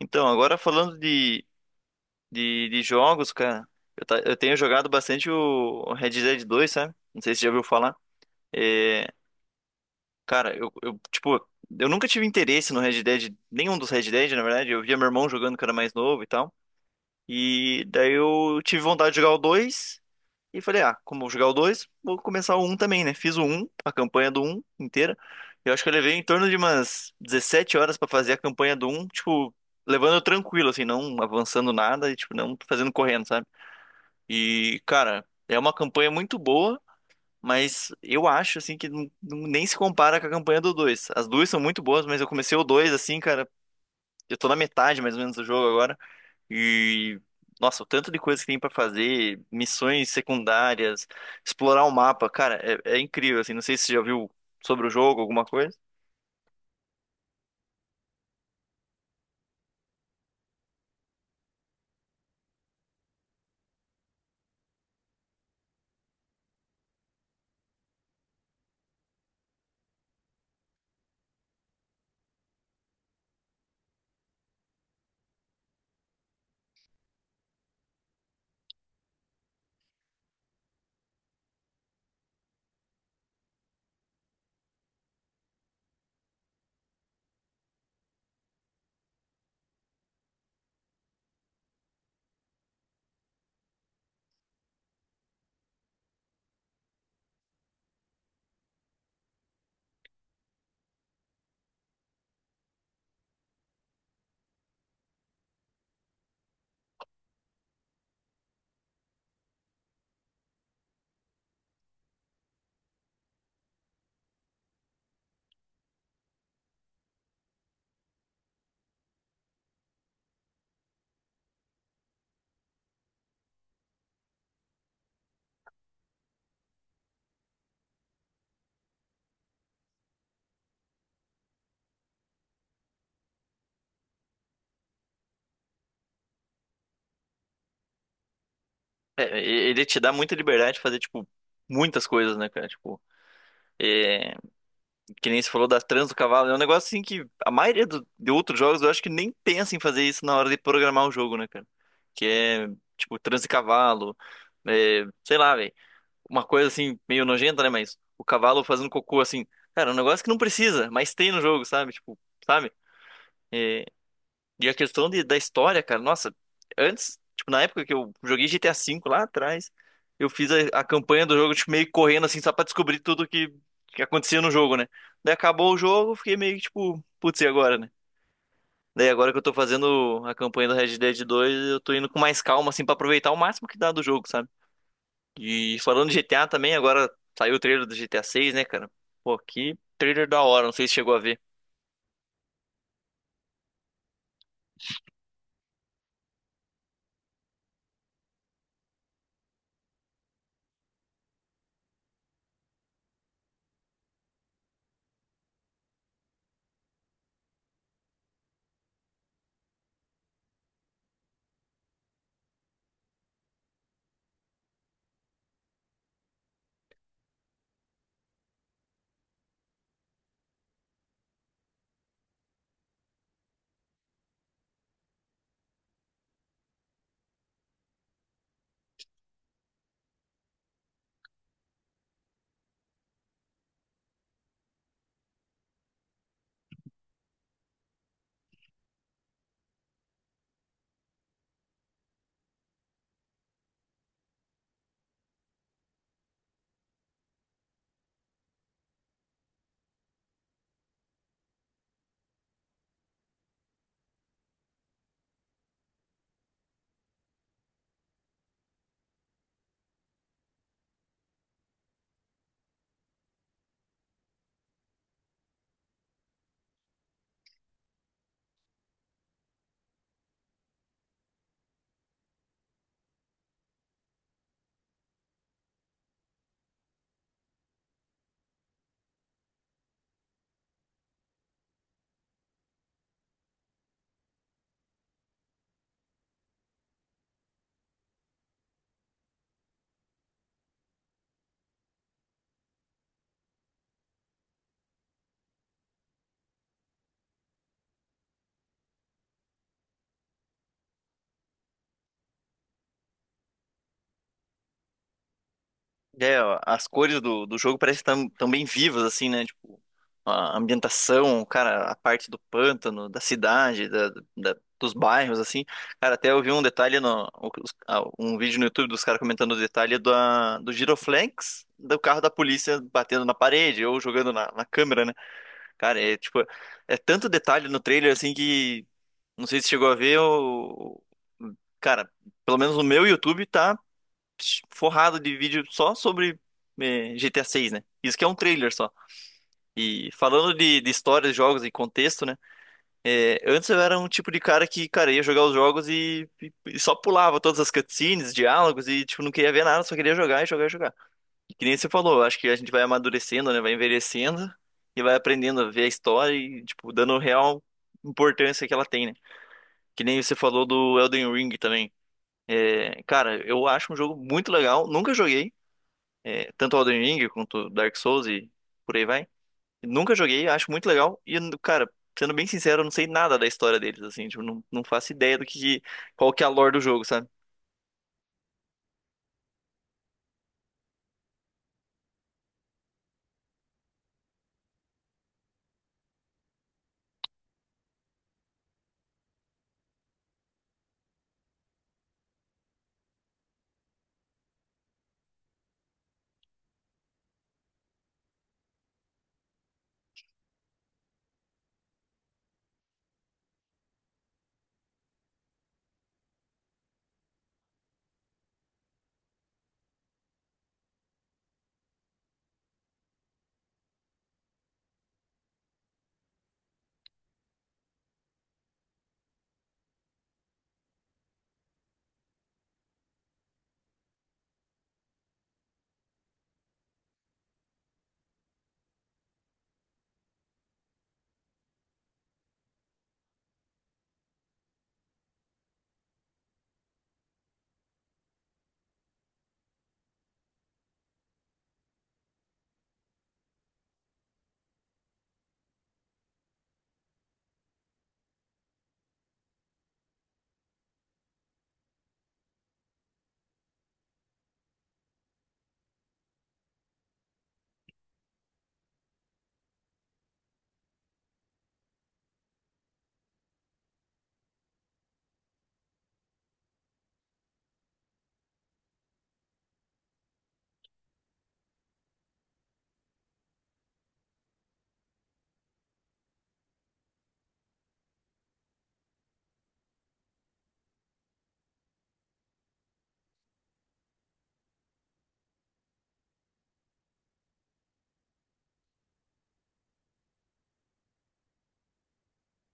Então, agora falando de jogos, cara, eu tenho jogado bastante o Red Dead dois, sabe? Não sei se você já ouviu falar. É, cara, tipo, eu nunca tive interesse no Red Dead, nenhum dos Red Dead, na verdade. Eu via meu irmão jogando, que era mais novo e tal. E daí eu tive vontade de jogar o 2 e falei, ah, como eu vou jogar o dois, vou começar o um também, né? Fiz o um, a campanha do um inteira. Eu acho que eu levei em torno de umas 17 horas pra fazer a campanha do um, tipo, levando tranquilo, assim, não avançando nada e, tipo, não fazendo correndo, sabe? E, cara, é uma campanha muito boa, mas eu acho, assim, que nem se compara com a campanha do dois. As duas são muito boas, mas eu comecei o 2 assim, cara, eu tô na metade, mais ou menos, do jogo agora. E, nossa, o tanto de coisa que tem pra fazer, missões secundárias, explorar o mapa, cara, é incrível, assim. Não sei se você já viu sobre o jogo, alguma coisa. É, ele te dá muita liberdade de fazer, tipo, muitas coisas, né, cara? Tipo, é, que nem você falou da trans do cavalo, é um negócio assim que a maioria de outros jogos eu acho que nem pensa em fazer isso na hora de programar o jogo, né, cara? Que é, tipo, trans de cavalo, é, sei lá, velho. Uma coisa assim, meio nojenta, né? Mas o cavalo fazendo cocô, assim, cara, é um negócio que não precisa, mas tem no jogo, sabe? Tipo, sabe? É. A questão da história, cara, nossa, antes, tipo, na época que eu joguei GTA V lá atrás, eu fiz a campanha do jogo, tipo, meio correndo, assim, só pra descobrir tudo que acontecia no jogo, né? Daí acabou o jogo, eu fiquei meio que, tipo, putz, e agora, né? Daí agora que eu tô fazendo a campanha do Red Dead 2, eu tô indo com mais calma, assim, pra aproveitar o máximo que dá do jogo, sabe? E falando de GTA também, agora saiu o trailer do GTA 6, né, cara? Pô, que trailer da hora! Não sei se chegou a ver. É, ó, as cores do jogo parecem tão, tão bem vivas, assim, né? Tipo, a ambientação, cara, a parte do pântano, da cidade, dos bairros, assim. Cara, até eu vi um detalhe, no, os- ah, um vídeo no YouTube dos caras comentando o detalhe do Giroflex, do carro da polícia batendo na parede ou jogando na, na câmera, né? Cara, é tipo, é tanto detalhe no trailer, assim, que não sei se chegou a ver, o... Cara, pelo menos o meu YouTube tá forrado de vídeo só sobre GTA 6, né? Isso que é um trailer só. E falando de histórias, jogos e contexto, né? Eh, antes eu era um tipo de cara que, cara, ia jogar os jogos e, e só pulava todas as cutscenes, diálogos e, tipo, não queria ver nada, só queria jogar e jogar e jogar. E que nem você falou, acho que a gente vai amadurecendo, né? Vai envelhecendo e vai aprendendo a ver a história e, tipo, dando real importância que ela tem, né? Que nem você falou do Elden Ring também. É, cara, eu acho um jogo muito legal. Nunca joguei, tanto Elden Ring quanto Dark Souls e por aí vai. Nunca joguei, acho muito legal. E, cara, sendo bem sincero, eu não sei nada da história deles, assim. Tipo, não, não faço ideia do que, qual que é a lore do jogo, sabe?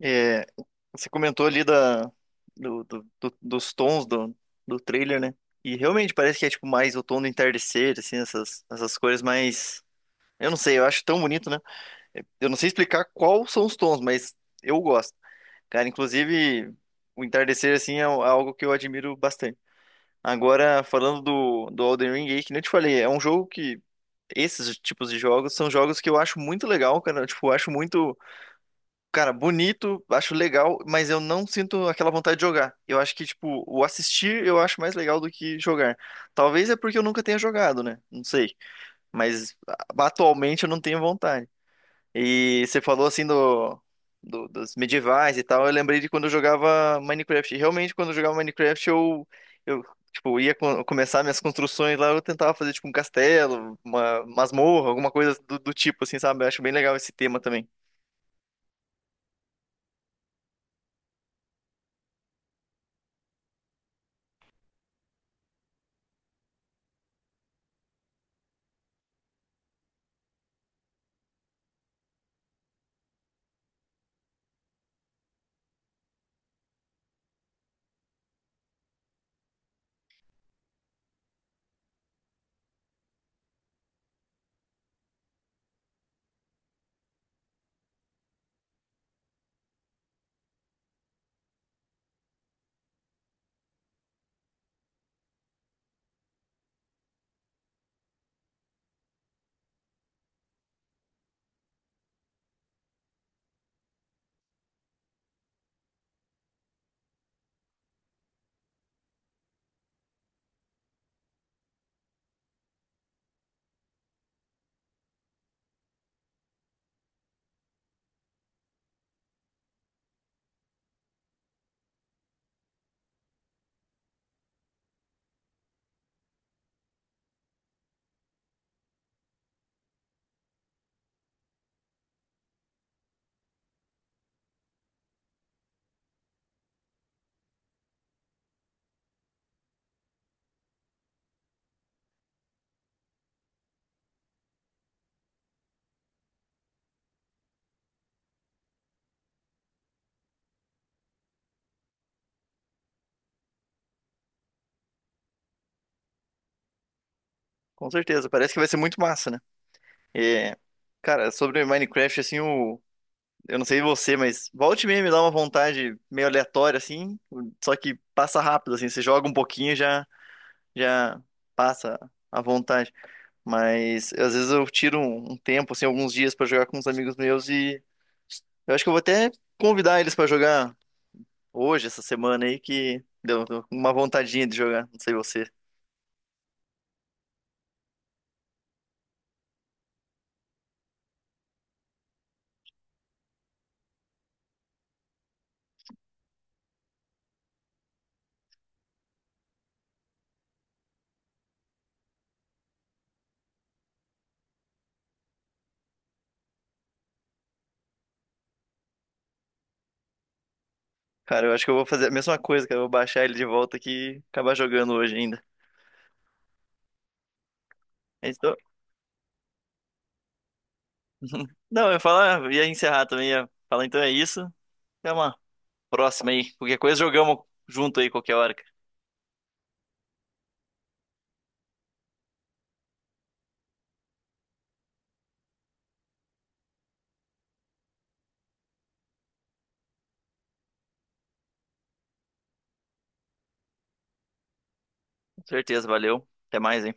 É, você comentou ali da, dos tons do trailer, né? E realmente parece que é, tipo, mais o tom do entardecer, assim, essas cores mais... Eu não sei, eu acho tão bonito, né? Eu não sei explicar quais são os tons, mas eu gosto. Cara, inclusive, o entardecer, assim, é um, é algo que eu admiro bastante. Agora, falando do Elden Ring aí, que nem eu te falei, é um jogo que... Esses tipos de jogos são jogos que eu acho muito legal, cara. Tipo, eu tipo, acho muito, cara, bonito, acho legal, mas eu não sinto aquela vontade de jogar. Eu acho que, tipo, o assistir eu acho mais legal do que jogar. Talvez é porque eu nunca tenha jogado, né? Não sei. Mas atualmente eu não tenho vontade. E você falou assim do, dos medievais e tal. Eu lembrei de quando eu jogava Minecraft. E realmente, quando eu jogava Minecraft, eu, eu tipo, ia começar minhas construções lá. Eu tentava fazer tipo um castelo, uma masmorra, alguma coisa do tipo, assim, sabe? Eu acho bem legal esse tema também. Com certeza. Parece que vai ser muito massa, né? É, cara, sobre Minecraft, assim, eu não sei você, mas volte e meia me dá uma vontade meio aleatória, assim. Só que passa rápido, assim. Você joga um pouquinho e já passa a vontade. Mas às vezes eu tiro um tempo, assim, alguns dias pra jogar com uns amigos meus, e eu acho que eu vou até convidar eles pra jogar hoje, essa semana aí, que deu uma vontadinha de jogar. Não sei você. Cara, eu acho que eu vou fazer a mesma coisa, cara. Eu vou baixar ele de volta aqui e acabar jogando hoje ainda. Então. Não, eu ia falar, ia encerrar também, ia falar, então é isso. Até uma próxima aí. Qualquer coisa, jogamos junto aí qualquer hora, cara. Com certeza, valeu. Até mais, hein?